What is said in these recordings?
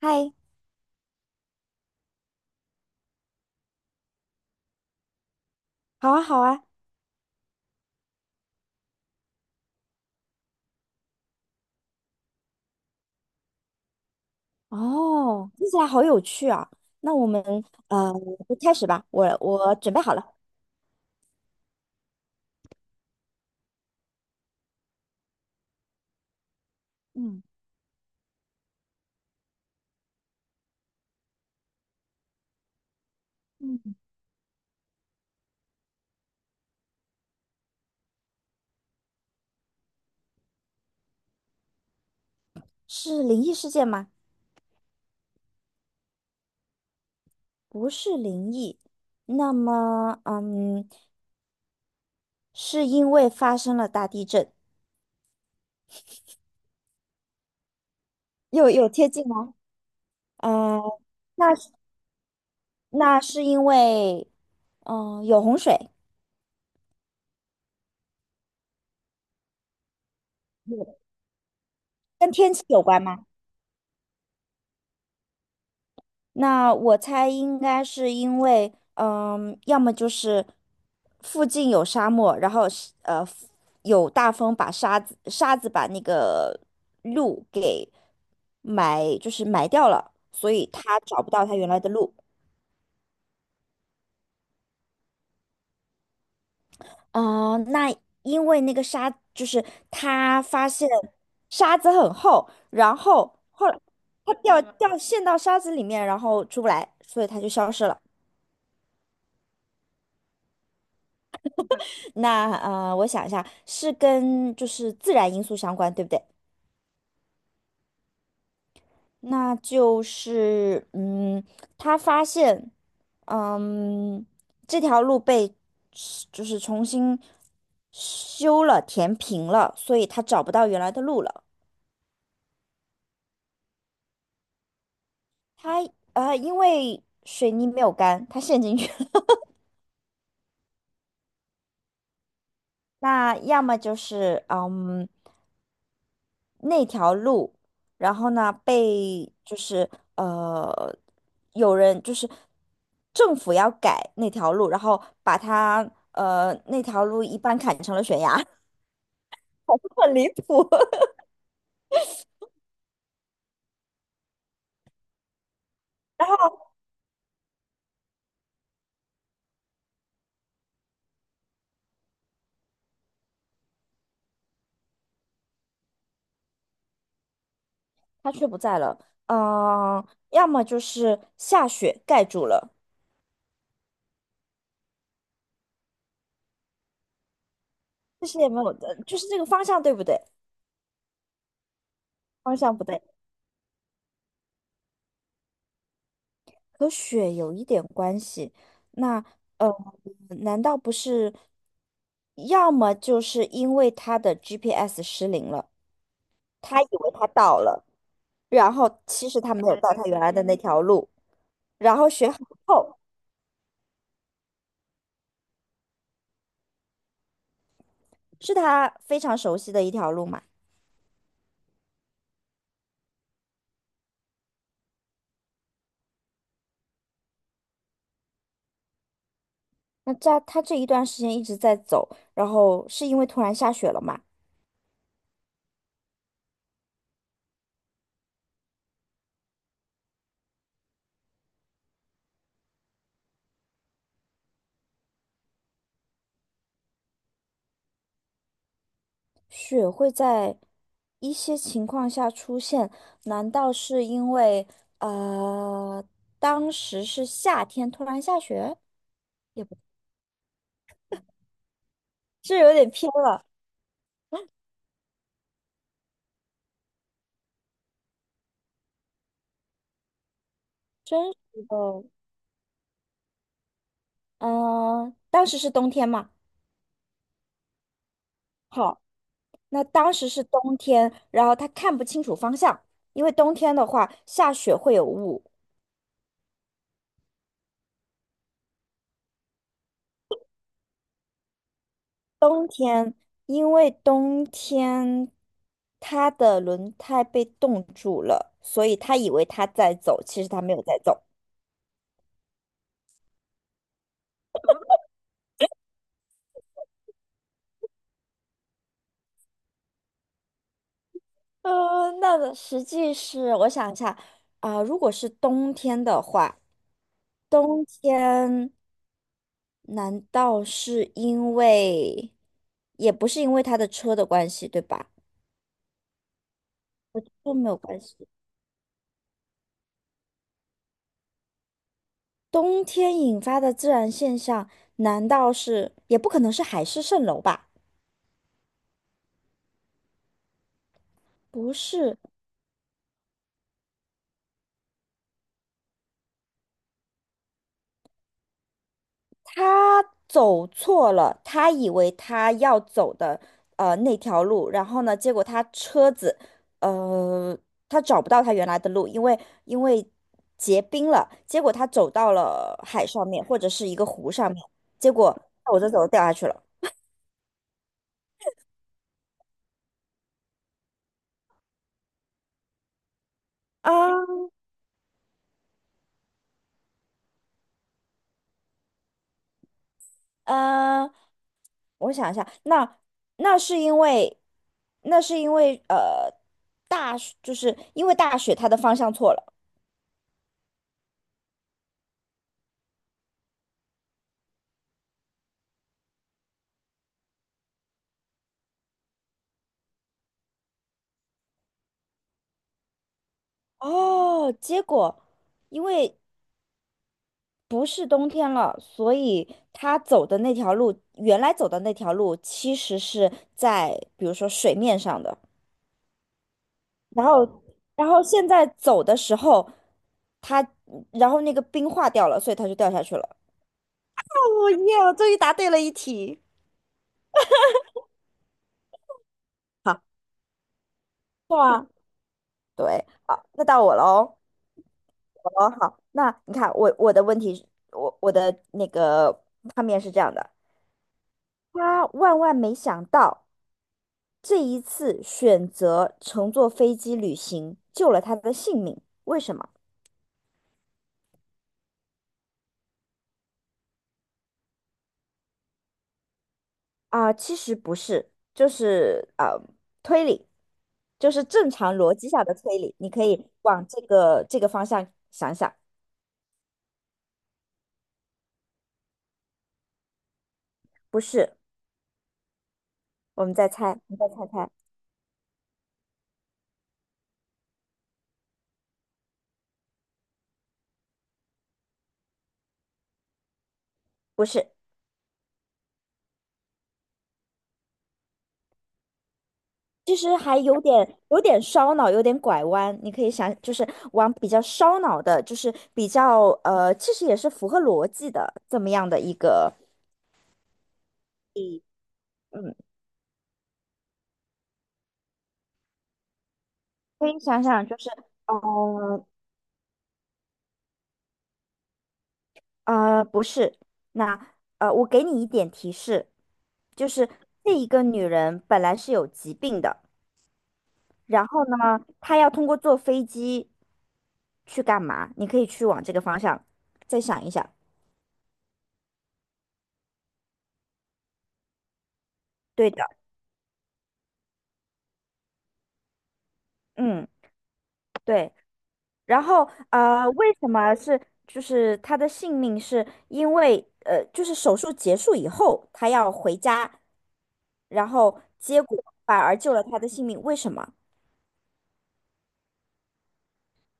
嗨，好啊，好啊。哦，听起来好有趣啊。那我们呃，就开始吧。我准备好了。嗯。嗯，是灵异事件吗？不是灵异。那么，嗯，是因为发生了大地震，有贴近吗？呃，那是因为，嗯、有洪水，有跟天气有关吗？那我猜应该是因为，嗯，要么就是附近有沙漠，然后是有大风把沙子把那个路给埋，就是埋掉了，所以他找不到他原来的路。啊、那因为那个沙就是他发现沙子很厚，然后后来他陷到沙子里面，然后出不来，所以他就消失了。那我想一下，是跟就是自然因素相关，对不对？那就是嗯，他发现嗯这条路被就是重新修了，填平了，所以他找不到原来的路了。他因为水泥没有干，他陷进去了。那要么就是嗯。那条路，然后呢被就是呃有人就是政府要改那条路，然后把它那条路一半砍成了悬崖。很离谱。然后它却不在了，嗯、要么就是下雪盖住了，但是也没有的，就是这个方向对不对？方向不对。和雪有一点关系。那呃，难道不是？要么就是因为他的 GPS 失灵了，他以为他到了，然后其实他没有到他原来的那条路，然后雪很厚，是他非常熟悉的一条路嘛。那这他这一段时间一直在走，然后是因为突然下雪了嘛？雪会在一些情况下出现，难道是因为呃当时是夏天突然下雪？也不这有点偏了。真实的，嗯、当时是冬天嘛？好，那当时是冬天，然后他看不清楚方向，因为冬天的话下雪会有雾。冬天，因为冬天它的轮胎被冻住了，所以他以为他在走，其实他没有在走。呃，那个实际是，我想一下，啊、如果是冬天的话，冬天难道是因为，也不是因为他的车的关系，对吧？都没有关系。冬天引发的自然现象，难道是，也不可能是海市蜃楼吧？不是，他走错了，他以为他要走的那条路，然后呢，结果他车子呃他找不到他原来的路，因为结冰了，结果他走到了海上面或者是一个湖上面，结果走着走着掉下去了。啊，呃，我想一下，那那是因为那是因为呃大就是因为大雪它的方向错了。哦，结果因为不是冬天了，所以他走的那条路，原来走的那条路，其实是在比如说水面上的，然后，然后现在走的时候，他，然后那个冰化掉了，所以他就掉下去了。哦耶！我终于答对了一题。好，哇，对，好，那到我喽，我喽，好，那你看我的问题是，我的那个画面是这样的，他万万没想到。这一次选择乘坐飞机旅行救了他的性命，为什么？啊、其实不是，就是推理，就是正常逻辑下的推理，你可以往这个这个方向想想，不是，我们再猜，你再猜猜，不是，其实还有点有点烧脑，有点拐弯，你可以想，就是往比较烧脑的，就是比较其实也是符合逻辑的这么样的一个。嗯。可以想想，就是，呃不是，那我给你一点提示，就是这一个女人本来是有疾病的，然后呢，她要通过坐飞机去干嘛？你可以去往这个方向再想一想。对的，嗯，对。然后为什么是就是她的性命是因为就是手术结束以后，她要回家，然后结果反而救了她的性命，为什么？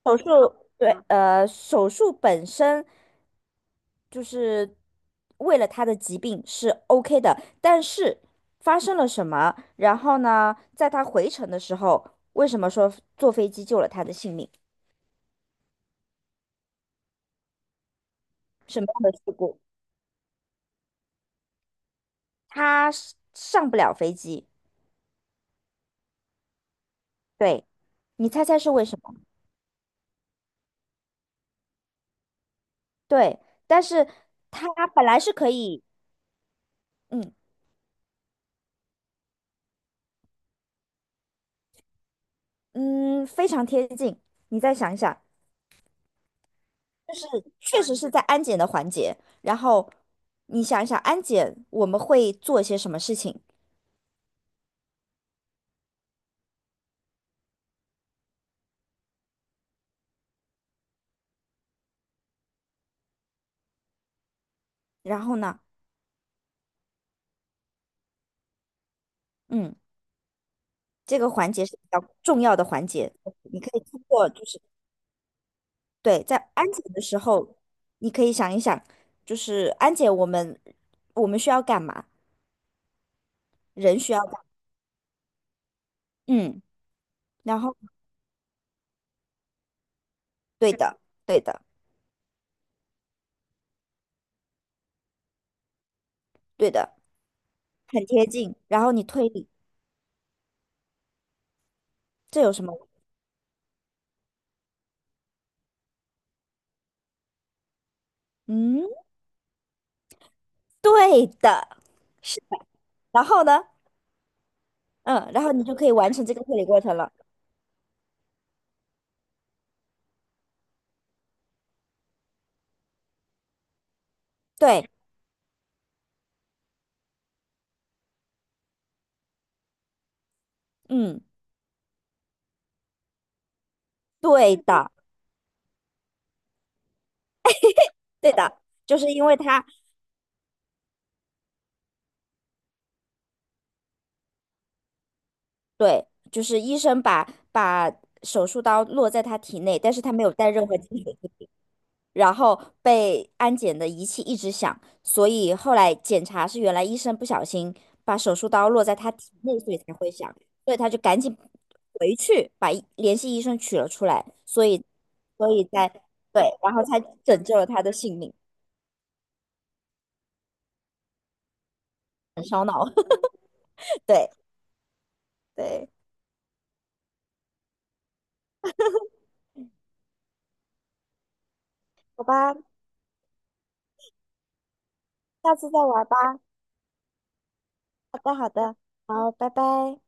手术，对，手术本身就是为了他的疾病是 OK 的，但是发生了什么？然后呢，在他回程的时候，为什么说坐飞机救了他的性命？什么样的事故？他是上不了飞机，对，你猜猜是为什么？对，但是他本来是可以，嗯嗯，非常贴近，你再想一想，就是确实是在安检的环节，然后你想一想，安检我们会做一些什么事情？然后呢，嗯，这个环节是比较重要的环节，你可以通过就是对，在安检的时候，你可以想一想，就是安检我们需要干嘛？人需要干嘛，嗯，然后对的，对的，对的，很贴近。然后你推理，这有什么？嗯，对的，是的。然后呢？嗯，然后你就可以完成这个推理过程了。对，嗯，对的，对的，就是因为他，对，就是医生把把手术刀落在他体内，但是他没有带任何金属制品，然后被安检的仪器一直响，所以后来检查是原来医生不小心把手术刀落在他体内，所以才会响，所以他就赶紧回去把医联系医生取了出来，所以在对，然后才拯救了他的性命，很烧脑，对。对，好吧，下次再玩吧。好的，好的，好，拜拜。